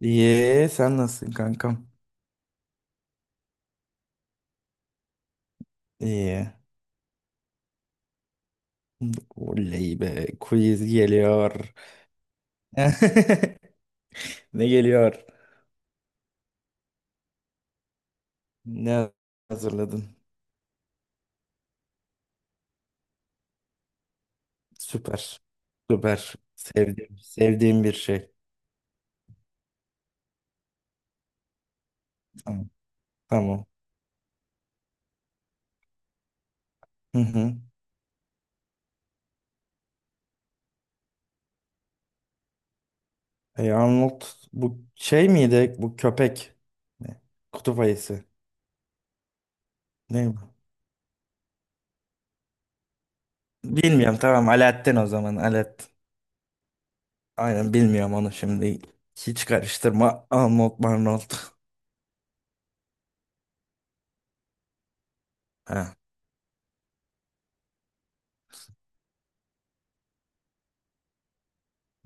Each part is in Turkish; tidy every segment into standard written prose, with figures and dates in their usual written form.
İyi, sen nasılsın kankam? İyi. Oley be, quiz geliyor. Ne geliyor? Ne hazırladın? Süper. Süper. Sevdiğim bir şey. Tamam. Tamam. Hı hı. Arnold bu şey miydi? Bu köpek. Ne? Kutup ayısı. Ne bu? Bilmiyorum, tamam Alaaddin, o zaman Alaaddin. Aynen, bilmiyorum onu şimdi. Hiç karıştırma. Arnold Marnold. Ha.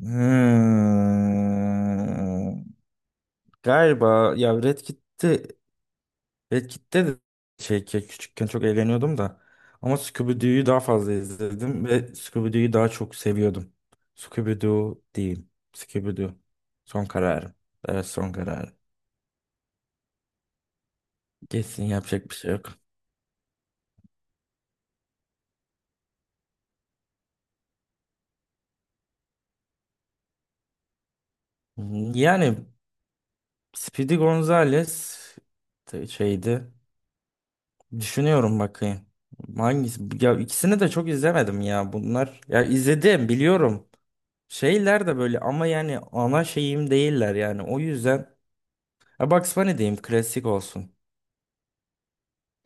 Hmm. Galiba ya Red Kit'te de şey ki küçükken çok eğleniyordum da ama Scooby-Doo'yu daha fazla izledim ve Scooby-Doo'yu daha çok seviyordum. Scooby-Doo değil. Scooby-Doo. Son kararım. Evet, son kararım. Kesin yapacak bir şey yok. Hmm, yani Speedy Gonzales şeydi. Düşünüyorum, bakayım. Hangisi? Ya ikisini de çok izlemedim ya bunlar. Ya izledim, biliyorum. Şeyler de böyle ama yani ana şeyim değiller yani. O yüzden ya Bugs Bunny diyeyim, klasik olsun.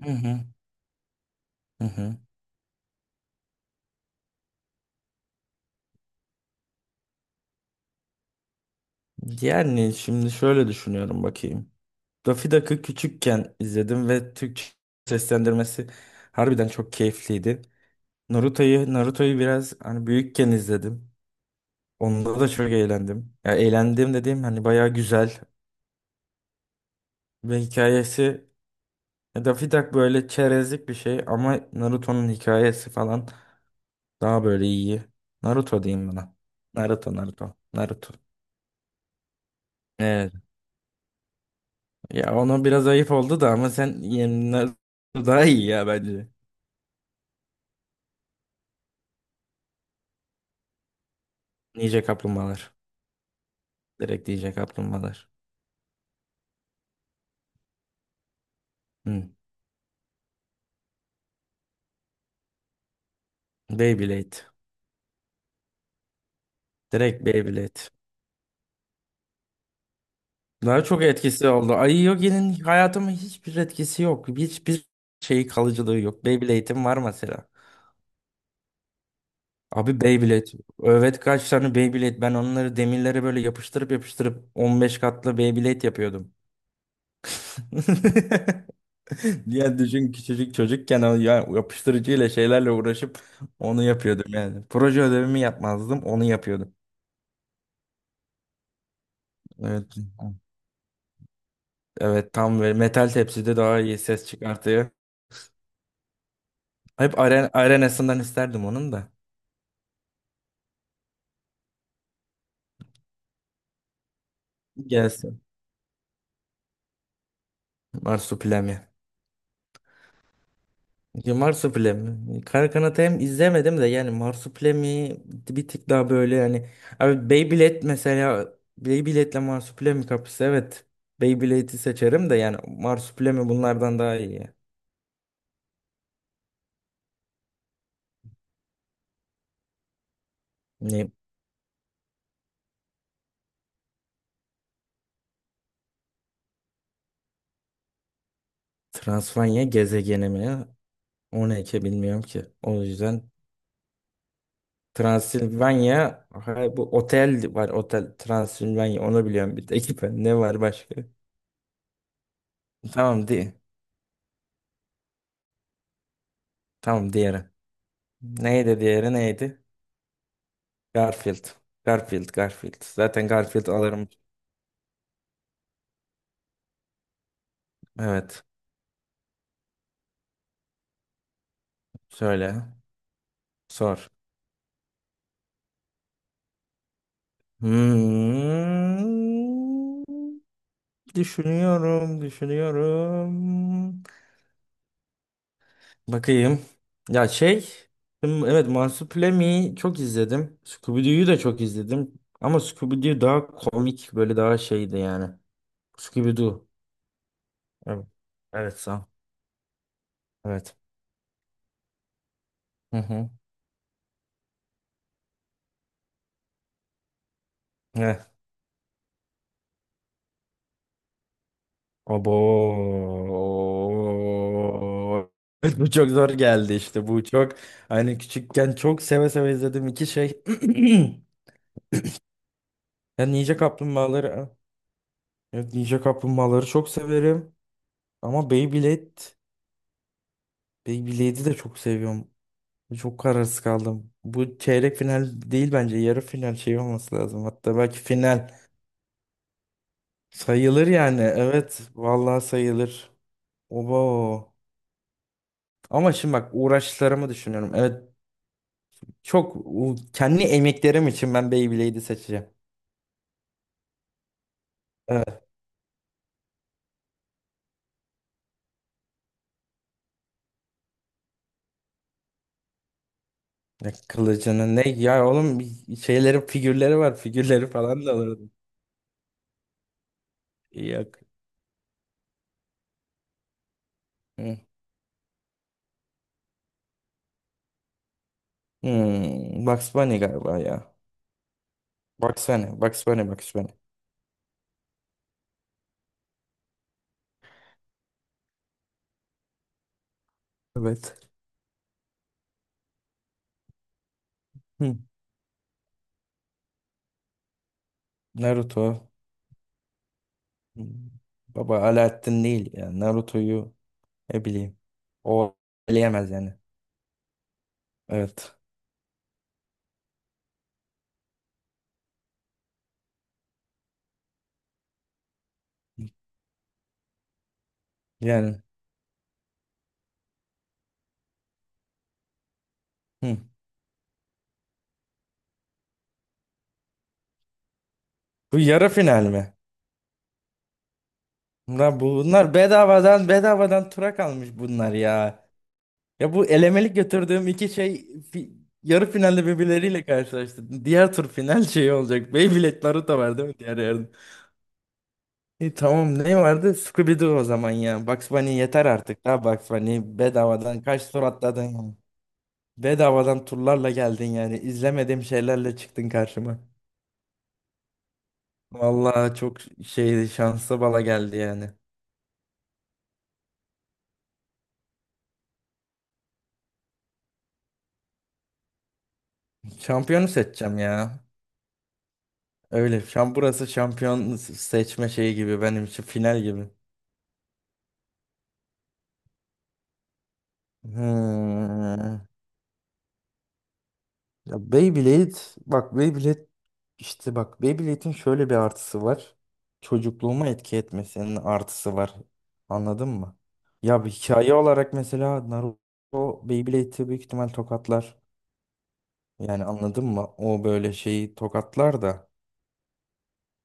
Hı hı. Hı hı. Yani şimdi şöyle düşünüyorum, bakayım. Daffy Duck'ı küçükken izledim ve Türkçe seslendirmesi harbiden çok keyifliydi. Naruto'yu biraz hani büyükken izledim. Onda da çok eğlendim. Ya eğlendim dediğim hani bayağı güzel ve hikayesi, ya Daffy Duck böyle çerezlik bir şey ama Naruto'nun hikayesi falan daha böyle iyi. Naruto diyeyim buna. Naruto, Naruto, Naruto. Evet. Ya ona biraz ayıp oldu da ama sen yani Naruto daha iyi ya bence. Ninja kaplumbağalar. Direkt Ninja kaplumbağalar. Hı. Beyblade. Direkt Beyblade. Daha çok etkisi oldu. Ay Yogi'nin hayatıma hiçbir etkisi yok. Hiçbir şeyi, kalıcılığı yok. Beyblade'im var mesela. Abi Beyblade. Evet, kaç tane Beyblade. Ben onları demirlere böyle yapıştırıp yapıştırıp 15 katlı Beyblade yapıyordum. Ya düşün, küçücük çocukken o ya yapıştırıcıyla şeylerle uğraşıp onu yapıyordum yani. Proje ödevimi yapmazdım, onu yapıyordum. Evet. Evet, tam böyle metal tepside daha iyi ses çıkartıyor. Hep arenasından isterdim onun da. Gelsin. Marsupilami. Ya Marsupilami. Kara Kanat'ı hem izlemedim de yani Marsupilami bir tık daha böyle yani. Abi Beyblade mesela, Beyblade'le Marsupilami kapısı evet. Beyblade'i seçerim de yani Marsupilami bunlardan daha iyi ya. Ne? Transvanya gezegeni mi? O ne ki bilmiyorum ki. O yüzden Transilvanya ha, bu otel var, otel Transilvanya, onu biliyorum bir tek. Ne var başka? Tamam di. Tamam, diğeri. Neydi diğeri, neydi? Garfield. Garfield, Garfield. Zaten Garfield alırım. Evet. Söyle. Sor. Hmm. Düşünüyorum. Bakayım. Ya şey, hmm, evet Marsupilami çok izledim. Scooby-Doo'yu da çok izledim. Ama Scooby-Doo daha komik, böyle daha şeydi yani. Scooby-Doo. Evet. Evet, sağ ol. Evet. Hı hı. Abo. Bu çok zor geldi işte. Bu çok hani küçükken çok seve seve izledim iki şey. Ben Ninja Kaplumbağaları, evet, Ninja Kaplumbağaları çok severim. Ama Beyblade'i de çok seviyorum. Çok kararsız kaldım. Bu çeyrek final değil bence. Yarı final şey olması lazım. Hatta belki final sayılır yani. Evet, vallahi sayılır. Obo. Ama şimdi bak, uğraşlarımı düşünüyorum. Evet, çok kendi emeklerim için ben Beyblade'i seçeceğim. Evet. Ya kılıcının ne ya oğlum, şeyleri figürleri var, figürleri falan da alırdım. Yok. Hı. Hmm. Bugs Bunny galiba ya. Bugs Bunny, Bugs Bunny, Bugs Bunny. Evet. Hı. Naruto. Hı. Baba Alaaddin değil ya. Naruto'yu ne bileyim. O eleyemez yani. Evet. Yani. Hı. Bu yarı final mi? Bunlar bedavadan tura kalmış bunlar ya. Ya bu elemelik götürdüğüm iki şey fi- yarı finalde birbirleriyle karşılaştı. Diğer tur final şeyi olacak. Beyblade Naruto var değil mi diğer yarın? Tamam, ne vardı? Scooby-Doo o zaman ya. Bugs Bunny yeter artık. Ha Bugs Bunny bedavadan kaç tur atladın ya. Bedavadan turlarla geldin yani. İzlemediğim şeylerle çıktın karşıma. Vallahi çok şeydi, şanslı bala geldi yani. Şampiyonu seçeceğim ya. Öyle. Şam burası şampiyon seçme şeyi gibi, benim için final gibi. Hmm. Ya Beyblade, bak Beyblade, işte bak Beyblade'in şöyle bir artısı var. Çocukluğuma etki etmesinin artısı var. Anladın mı? Ya bir hikaye olarak mesela Naruto Beyblade'i büyük ihtimal tokatlar. Yani anladın mı? O böyle şeyi tokatlar da.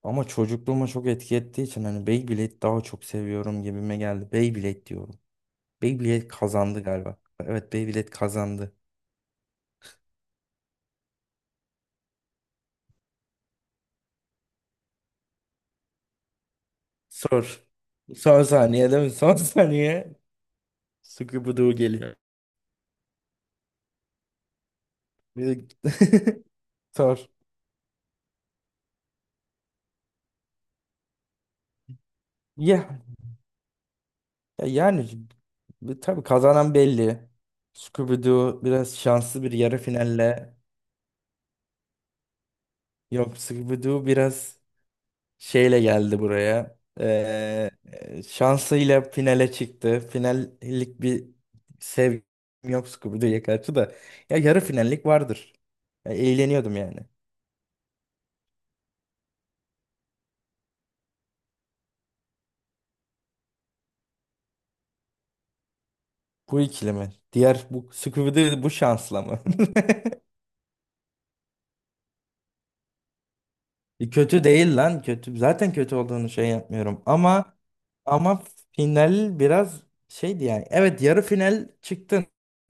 Ama çocukluğuma çok etki ettiği için hani Beyblade daha çok seviyorum gibime geldi. Beyblade diyorum. Beyblade kazandı galiba. Evet, Beyblade kazandı. Sor. Son saniyede mi? Son saniye. Scooby-Doo geliyor. Bir de- Sor. Ya, ya yani bu tabii kazanan belli. Scooby-Doo biraz şanslı bir yarı finalle. Yok, Scooby-Doo biraz şeyle geldi buraya. Şansıyla finale çıktı. Finallik bir sevgim yok Scooby-Doo'ya karşı da. Ya yarı finallik vardır. Ya, eğleniyordum yani. Bu ikili mi? Diğer bu Scooby-Doo bu şansla mı? Kötü değil lan, kötü. Zaten kötü olduğunu şey yapmıyorum ama, ama final biraz şeydi yani. Evet, yarı final çıktın.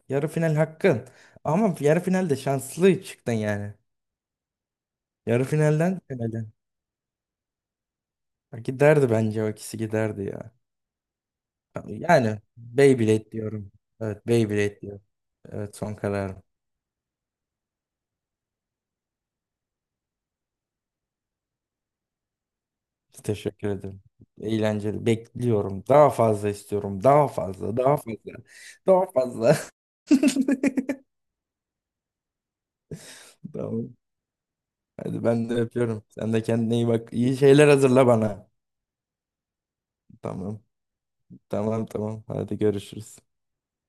Yarı final hakkın. Ama yarı finalde şanslı çıktın yani. Yarı finalden finale. Ha, giderdi bence, o ikisi giderdi ya. Yani Beyblade diyorum. Evet, Beyblade diyorum. Evet, son kararım. Teşekkür ederim. Eğlenceli. Bekliyorum. Daha fazla istiyorum. Daha fazla. Daha fazla. Daha fazla. Tamam. Hadi ben de öpüyorum. Sen de kendine iyi bak. İyi şeyler hazırla bana. Tamam. Tamam. Hadi görüşürüz.